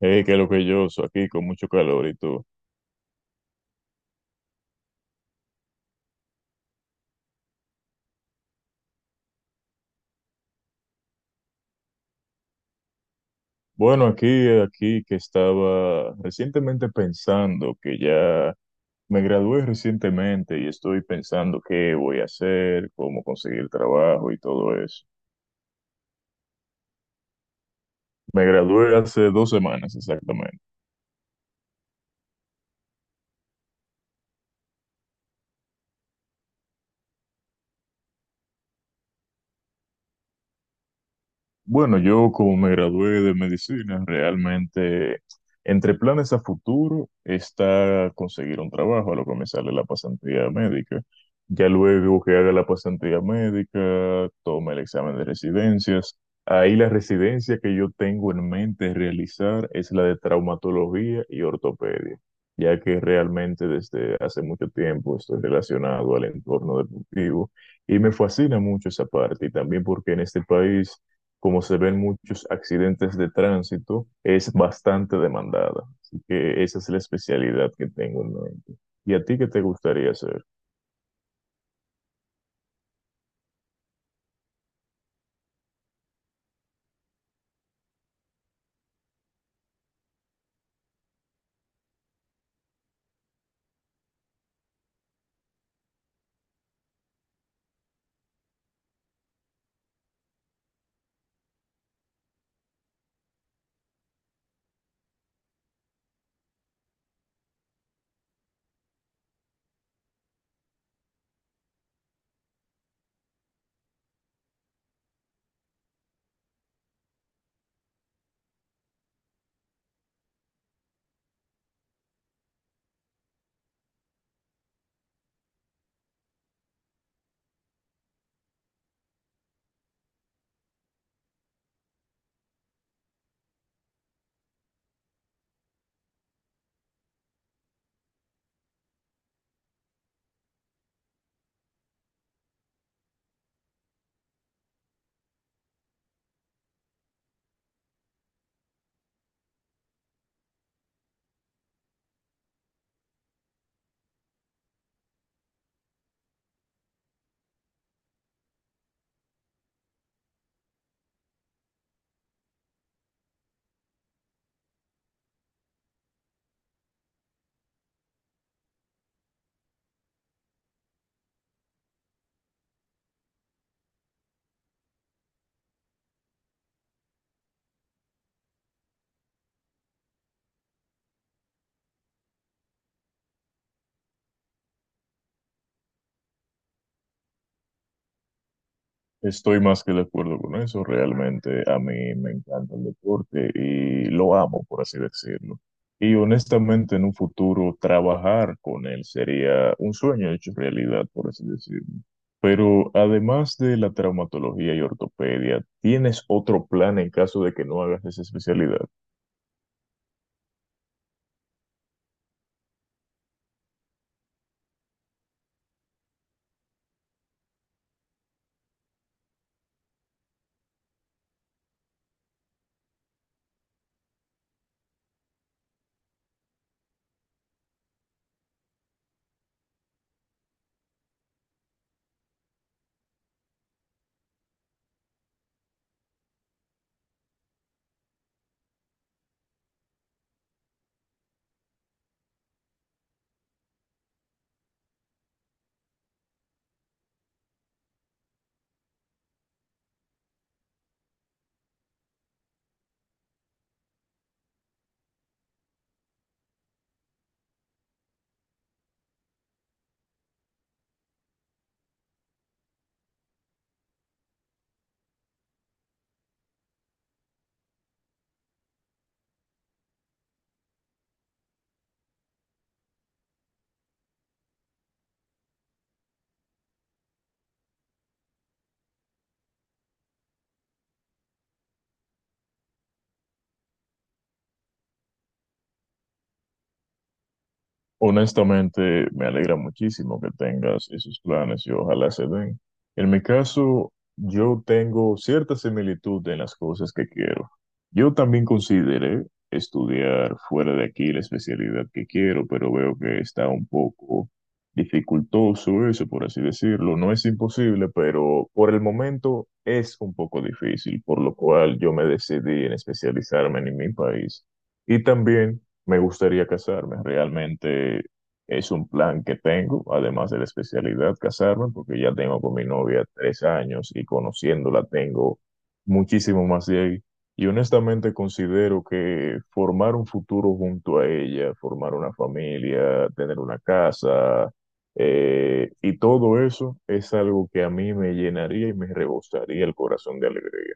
Hey, qué lo que yo soy aquí con mucho calor y tú. Bueno, aquí que estaba recientemente pensando que ya me gradué recientemente y estoy pensando qué voy a hacer, cómo conseguir trabajo y todo eso. Me gradué hace 2 semanas exactamente. Bueno, yo como me gradué de medicina, realmente entre planes a futuro está conseguir un trabajo, a lo que me sale la pasantía médica. Ya luego que haga la pasantía médica, tome el examen de residencias. Ahí la residencia que yo tengo en mente realizar es la de traumatología y ortopedia, ya que realmente desde hace mucho tiempo estoy relacionado al entorno deportivo y me fascina mucho esa parte y también porque en este país como se ven muchos accidentes de tránsito, es bastante demandada. Así que esa es la especialidad que tengo en mente. ¿Y a ti qué te gustaría hacer? Estoy más que de acuerdo con eso. Realmente a mí me encanta el deporte y lo amo, por así decirlo. Y honestamente, en un futuro, trabajar con él sería un sueño hecho realidad, por así decirlo. Pero además de la traumatología y ortopedia, ¿tienes otro plan en caso de que no hagas esa especialidad? Honestamente, me alegra muchísimo que tengas esos planes y ojalá se den. En mi caso, yo tengo cierta similitud en las cosas que quiero. Yo también consideré estudiar fuera de aquí la especialidad que quiero, pero veo que está un poco dificultoso eso, por así decirlo. No es imposible, pero por el momento es un poco difícil, por lo cual yo me decidí en especializarme en mi país. Y también, me gustaría casarme, realmente es un plan que tengo, además de la especialidad casarme, porque ya tengo con mi novia 3 años y conociéndola tengo muchísimo más de ahí. Y honestamente considero que formar un futuro junto a ella, formar una familia, tener una casa, y todo eso es algo que a mí me llenaría y me rebosaría el corazón de alegría.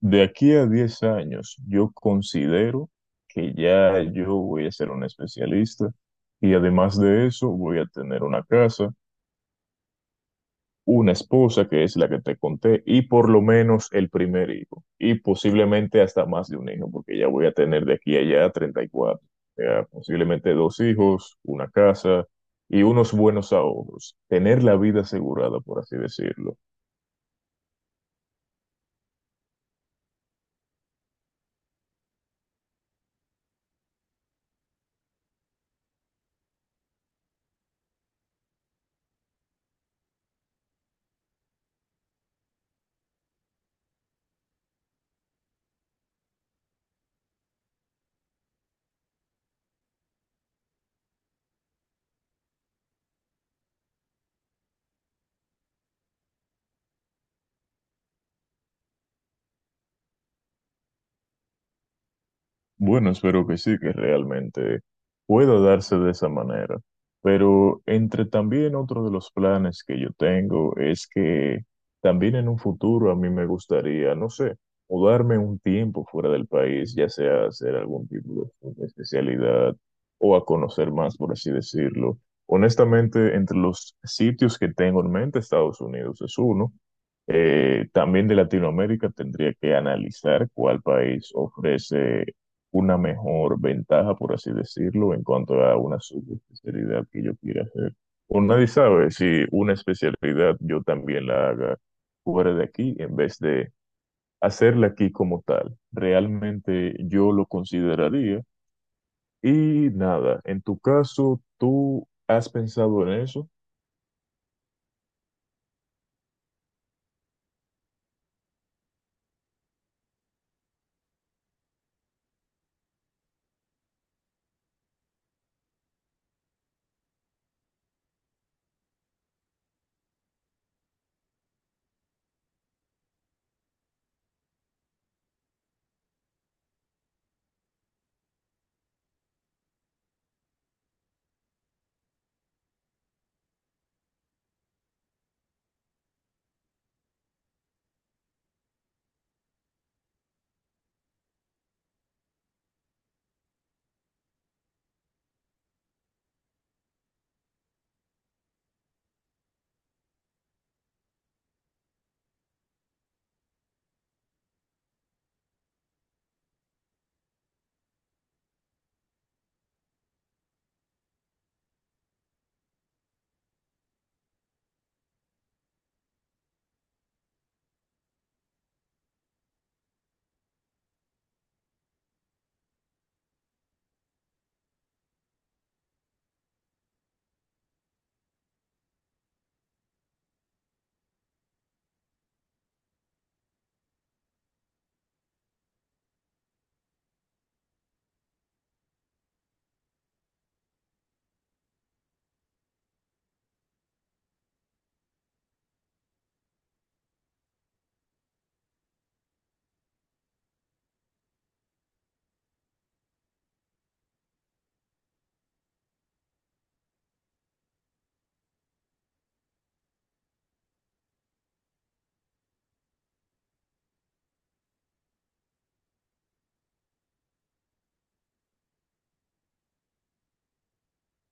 De aquí a 10 años, yo considero que ya yo voy a ser un especialista y además de eso voy a tener una casa, una esposa que es la que te conté y por lo menos el primer hijo y posiblemente hasta más de un hijo porque ya voy a tener de aquí a allá 34, ya posiblemente dos hijos, una casa y unos buenos ahorros, tener la vida asegurada por así decirlo. Bueno, espero que sí, que realmente pueda darse de esa manera. Pero entre también otro de los planes que yo tengo es que también en un futuro a mí me gustaría, no sé, mudarme un tiempo fuera del país, ya sea hacer algún tipo de especialidad o a conocer más, por así decirlo. Honestamente, entre los sitios que tengo en mente, Estados Unidos es uno. También de Latinoamérica tendría que analizar cuál país ofrece una mejor ventaja, por así decirlo, en cuanto a una subespecialidad que yo quiera hacer. O nadie sabe si una especialidad yo también la haga fuera de aquí en vez de hacerla aquí como tal. Realmente yo lo consideraría. Y nada, en tu caso, ¿tú has pensado en eso?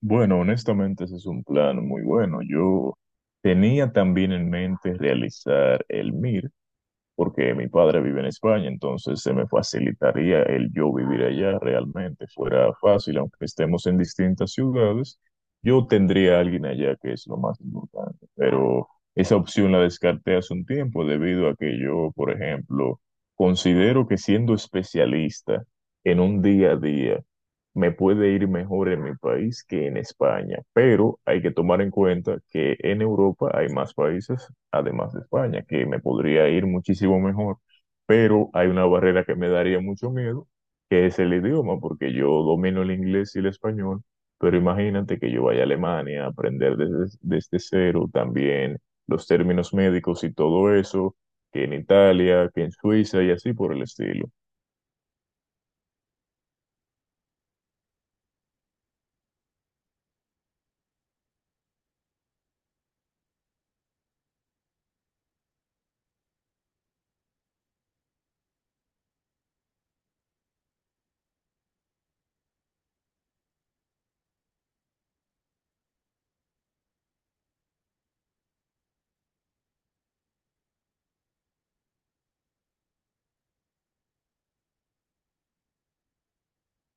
Bueno, honestamente ese es un plan muy bueno. Yo tenía también en mente realizar el MIR, porque mi padre vive en España, entonces se me facilitaría el yo vivir allá realmente, fuera fácil, aunque estemos en distintas ciudades, yo tendría a alguien allá que es lo más importante, pero esa opción la descarté hace un tiempo debido a que yo, por ejemplo, considero que siendo especialista en un día a día, me puede ir mejor en mi país que en España, pero hay que tomar en cuenta que en Europa hay más países además de España, que me podría ir muchísimo mejor, pero hay una barrera que me daría mucho miedo, que es el idioma, porque yo domino el inglés y el español, pero imagínate que yo vaya a Alemania a aprender desde cero también los términos médicos y todo eso, que en Italia, que en Suiza y así por el estilo.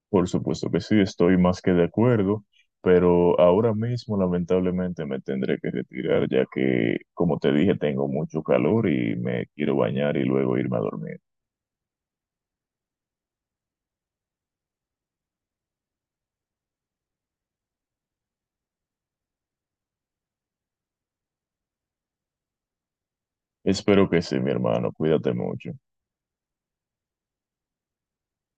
Por supuesto que sí, estoy más que de acuerdo, pero ahora mismo lamentablemente me tendré que retirar ya que, como te dije, tengo mucho calor y me quiero bañar y luego irme a dormir. Espero que sí, mi hermano, cuídate mucho.